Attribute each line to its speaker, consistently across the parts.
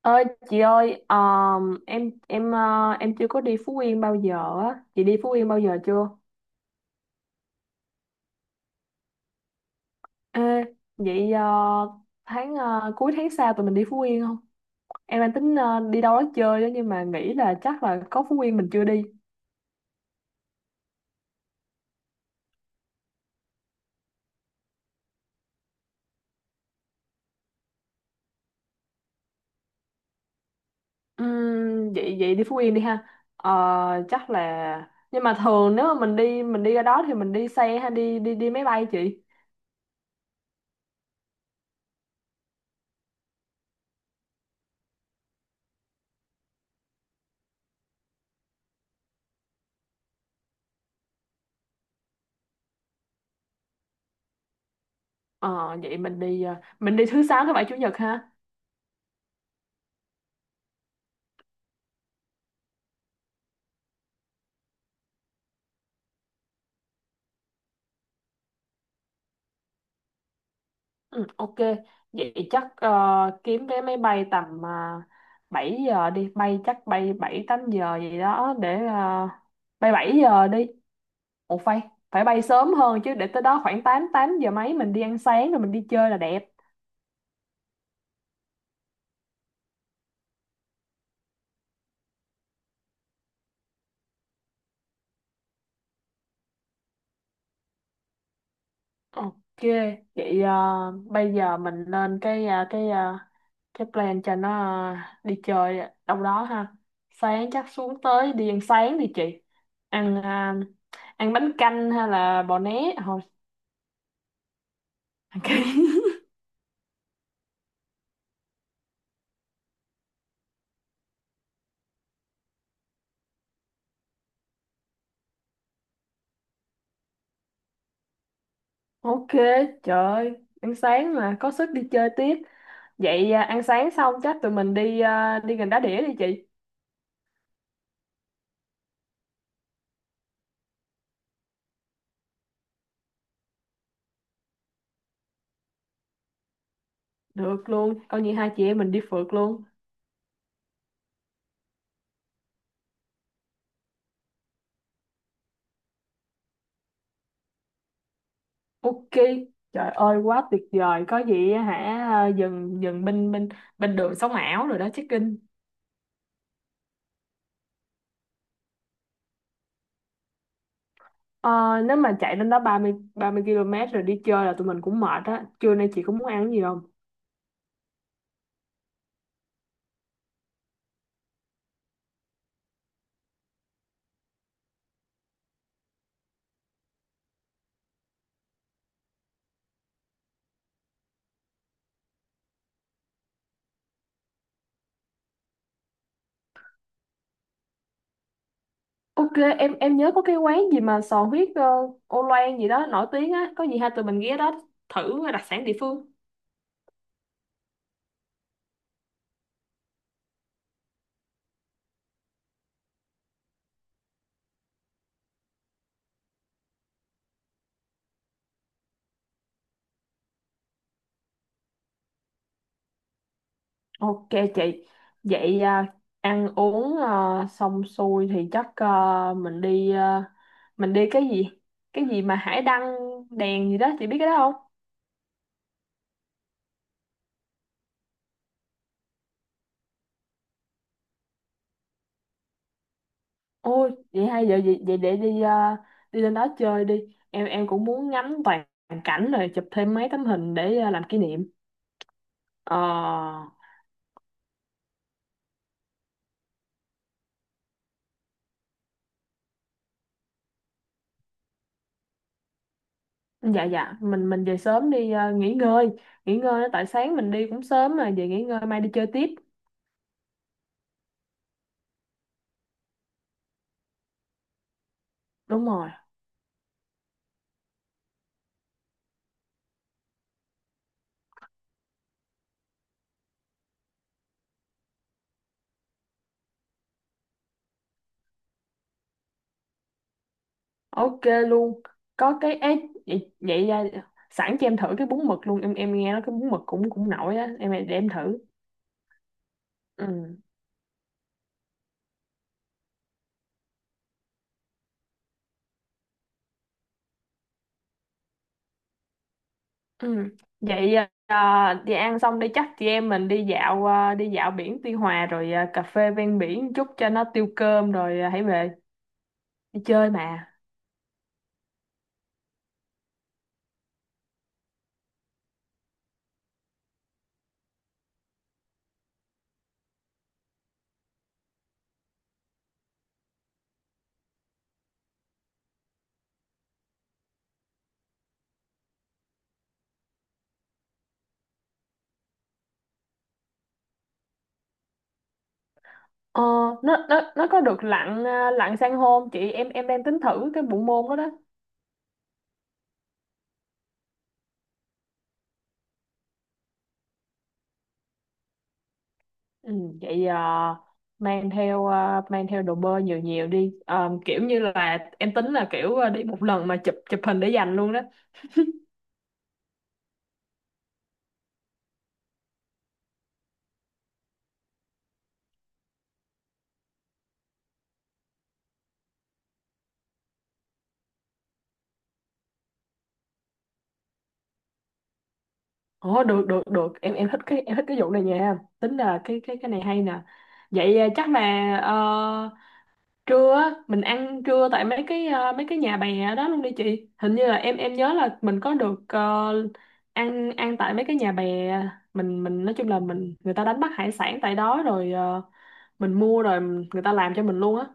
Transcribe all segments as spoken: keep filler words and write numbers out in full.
Speaker 1: Ơi chị ơi, um, em em ờ, em chưa có đi Phú Yên bao giờ á. Chị đi Phú Yên bao giờ chưa? Ê, vậy ờ, tháng ờ, cuối tháng sau tụi mình đi Phú Yên không? Em đang tính ờ, đi đâu đó chơi đó, nhưng mà nghĩ là chắc là có Phú Yên mình chưa đi. Ừm, vậy vậy đi Phú Yên đi ha. Ờ, chắc là, nhưng mà thường nếu mà mình đi mình đi ra đó thì mình đi xe hay đi đi đi máy bay chị? Ờ, vậy mình đi ờ, mình đi thứ sáu thứ bảy chủ nhật ha. Ừ, ok. Vậy chắc ờ, kiếm vé máy bay tầm uh, bảy giờ đi. Bay chắc bay bảy tám giờ gì đó, để ờ, bay bảy giờ đi. Ủa, phải, phải bay sớm hơn chứ, để tới đó khoảng tám tám giờ mấy mình đi ăn sáng rồi mình đi chơi là đẹp. Ok. Vậy ờ, bây giờ mình lên cái ờ, cái ờ, cái plan cho nó ờ, đi chơi đâu đó ha. Sáng chắc xuống tới đi ăn sáng đi chị. Ăn ờ, ăn bánh canh hay là bò né thôi. Ok. Ok, trời ơi, ăn sáng mà có sức đi chơi tiếp. Vậy à, ăn sáng xong chắc tụi mình đi à, đi gần đá đĩa đi chị. Được luôn, coi như hai chị em mình đi phượt luôn. Ok, trời ơi quá tuyệt vời. Có gì á hả? À, dừng dừng bên bên bên đường sống ảo rồi đó check in. Ờ, nếu mà chạy lên đó ba mươi ba mươi cây rồi đi chơi là tụi mình cũng mệt á. Trưa nay chị có muốn ăn gì không? Ok, em em nhớ có cái quán gì mà sò huyết ờ, ô loan gì đó nổi tiếng á, có gì hai tụi mình ghé đó thử đặc sản địa phương. Ok chị. Vậy à, ăn uống à, xong xuôi thì chắc à, mình đi à, mình đi cái gì? Cái gì mà hải đăng đèn gì đó, chị biết cái đó không? Ôi, vậy hay giờ vậy, vậy để đi à, đi lên đó chơi đi. Em em cũng muốn ngắm toàn cảnh rồi chụp thêm mấy tấm hình để à, làm kỷ niệm. Ờ, dạ, dạ, mình mình về sớm đi à, nghỉ ngơi, nghỉ ngơi tại sáng mình đi cũng sớm mà về nghỉ ngơi mai đi chơi tiếp. Đúng rồi. Ok luôn có cái ấy vậy, vậy ra sẵn cho em thử cái bún mực luôn. Em em nghe nói cái bún mực cũng cũng nổi á, em để em thử. Ừ, ừ. Vậy à, đi ăn xong đi chắc chị em mình đi dạo à, đi dạo biển Tuy Hòa rồi à, cà phê ven biển một chút cho nó tiêu cơm, rồi à, hãy về, đi chơi mà. Ờ, nó nó nó có được lặn à, lặn san hô không chị? Em em đang tính thử cái bộ môn đó đó. Ừ, vậy ờ, mang theo ờ, mang theo đồ bơi nhiều nhiều đi. Ờ, kiểu như là em tính là kiểu ờ, đi một lần mà chụp chụp hình để dành luôn đó. Ồ, được, được, được. Em em thích cái em thích cái vụ này nha. Tính là cái cái cái này hay nè. Vậy ờ, chắc là ờ, trưa á, mình ăn trưa tại mấy cái ờ, mấy cái nhà bè đó luôn đi chị. Hình như là em em nhớ là mình có được ờ, ăn ăn tại mấy cái nhà bè. Mình mình nói chung là mình, người ta đánh bắt hải sản tại đó rồi ờ, mình mua rồi người ta làm cho mình luôn á.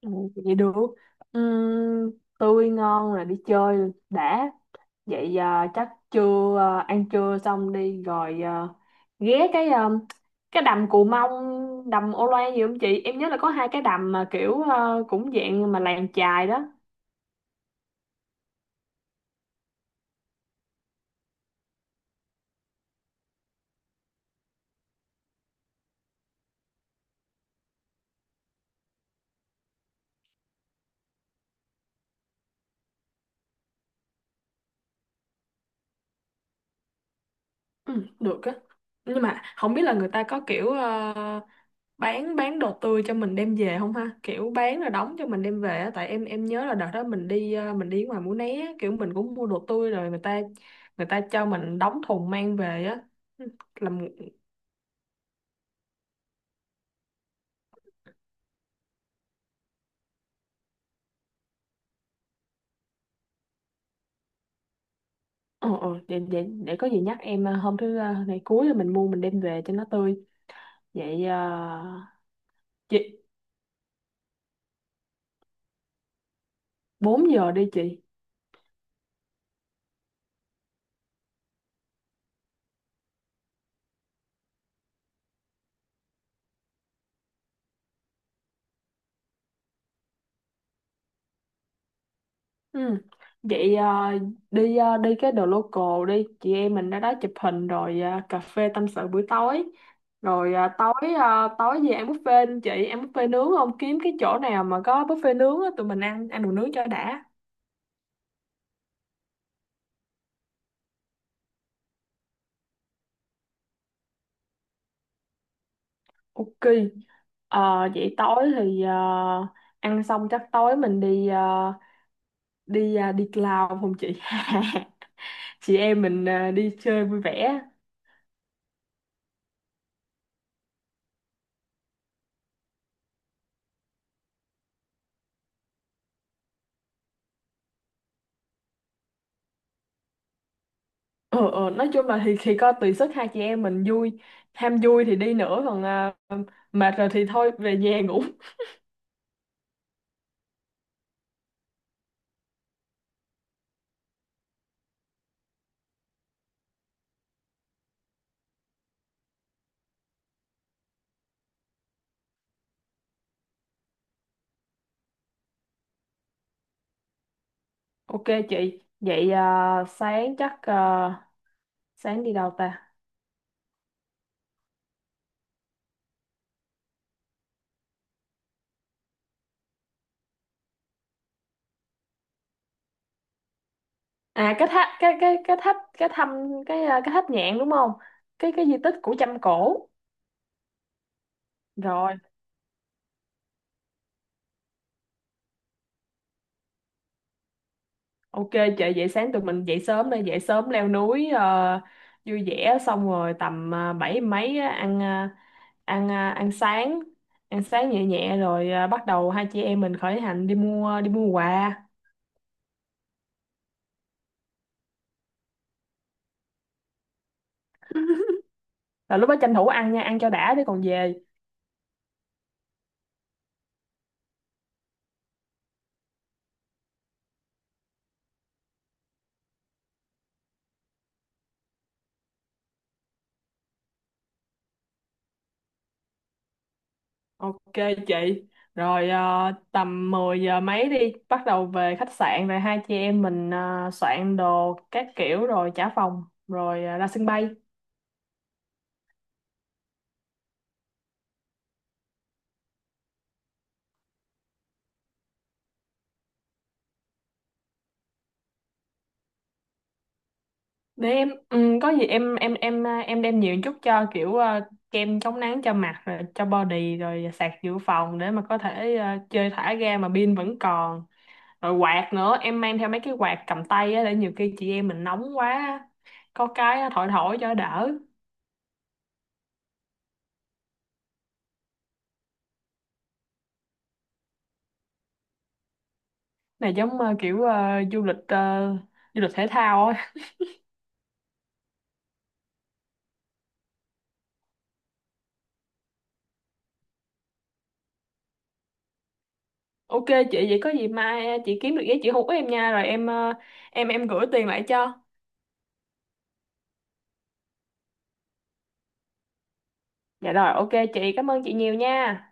Speaker 1: Ừ, vậy được. Ừm, tươi ngon là đi chơi đã. Vậy à, chắc trưa à, ăn trưa xong đi rồi à, ghé cái à, cái đầm Cù Mông, đầm Ô Loan gì không chị? Em nhớ là có hai cái đầm mà kiểu à, cũng dạng mà làng chài đó. Ừ, được á. Nhưng mà không biết là người ta có kiểu bán bán đồ tươi cho mình đem về không ha, kiểu bán rồi đóng cho mình đem về á. Tại em em nhớ là đợt đó mình đi ờ, mình đi ngoài Mũi Né á, kiểu mình cũng mua đồ tươi rồi người ta người ta cho mình đóng thùng mang về á làm. Ờ, ờ, để, để để có gì nhắc em ờ, hôm thứ ờ, ngày cuối là mình mua mình đem về cho nó tươi. Vậy ờ, chị bốn giờ đi chị. Ừ. Vậy à, đi à, đi cái đồ local đi chị, em mình ra đó chụp hình rồi à, cà phê tâm sự buổi tối, rồi à, tối à, tối về ăn buffet không chị? Ăn buffet nướng không? Kiếm cái chỗ nào mà có buffet nướng á, tụi mình ăn ăn đồ nướng cho đã. Ok. Ờ, vậy tối thì à, ăn xong chắc tối mình đi à, đi à, đi cloud không chị? Chị em mình à, đi chơi vui vẻ. Ừ, ừ, nói chung là thì thì coi tùy sức hai chị em mình vui. Ham vui thì đi nữa, còn à, mệt rồi thì thôi về nhà ngủ. Ok chị. Vậy à, sáng chắc à, sáng đi đâu ta? À, cái tháp cái cái cái tháp cái thăm cái à, cái tháp nhạn đúng không? cái cái di tích của Chăm Cổ rồi. Ok chị. Vậy sáng tụi mình dậy sớm đây, dậy sớm leo núi ờ, vui vẻ xong rồi tầm ờ, bảy mấy á, ăn ờ, ăn ờ, ăn sáng ăn sáng nhẹ nhẹ rồi ờ, bắt đầu hai chị em mình khởi hành đi mua đi mua quà, là lúc đó tranh thủ ăn nha, ăn cho đã để còn về. Ok chị. Rồi ờ, tầm mười giờ mấy đi, bắt đầu về khách sạn rồi hai chị em mình ờ, soạn đồ các kiểu rồi trả phòng rồi ờ, ra sân bay. Để em ừ, có gì em em em à, em đem nhiều chút cho kiểu à, kem chống nắng cho mặt rồi cho body, rồi sạc dự phòng để mà có thể à, chơi thả ga mà pin vẫn còn. Rồi quạt nữa, em mang theo mấy cái quạt cầm tay á, để nhiều khi chị em mình nóng quá á, có cái á, thổi thổi cho đỡ. Này giống à, kiểu à, du lịch à, du lịch thể thao á. Ok chị. Vậy có gì mai à, chị kiếm được giấy chị hú em nha, rồi em à, em em gửi tiền lại cho. Dạ rồi, ok chị, cảm ơn chị nhiều nha.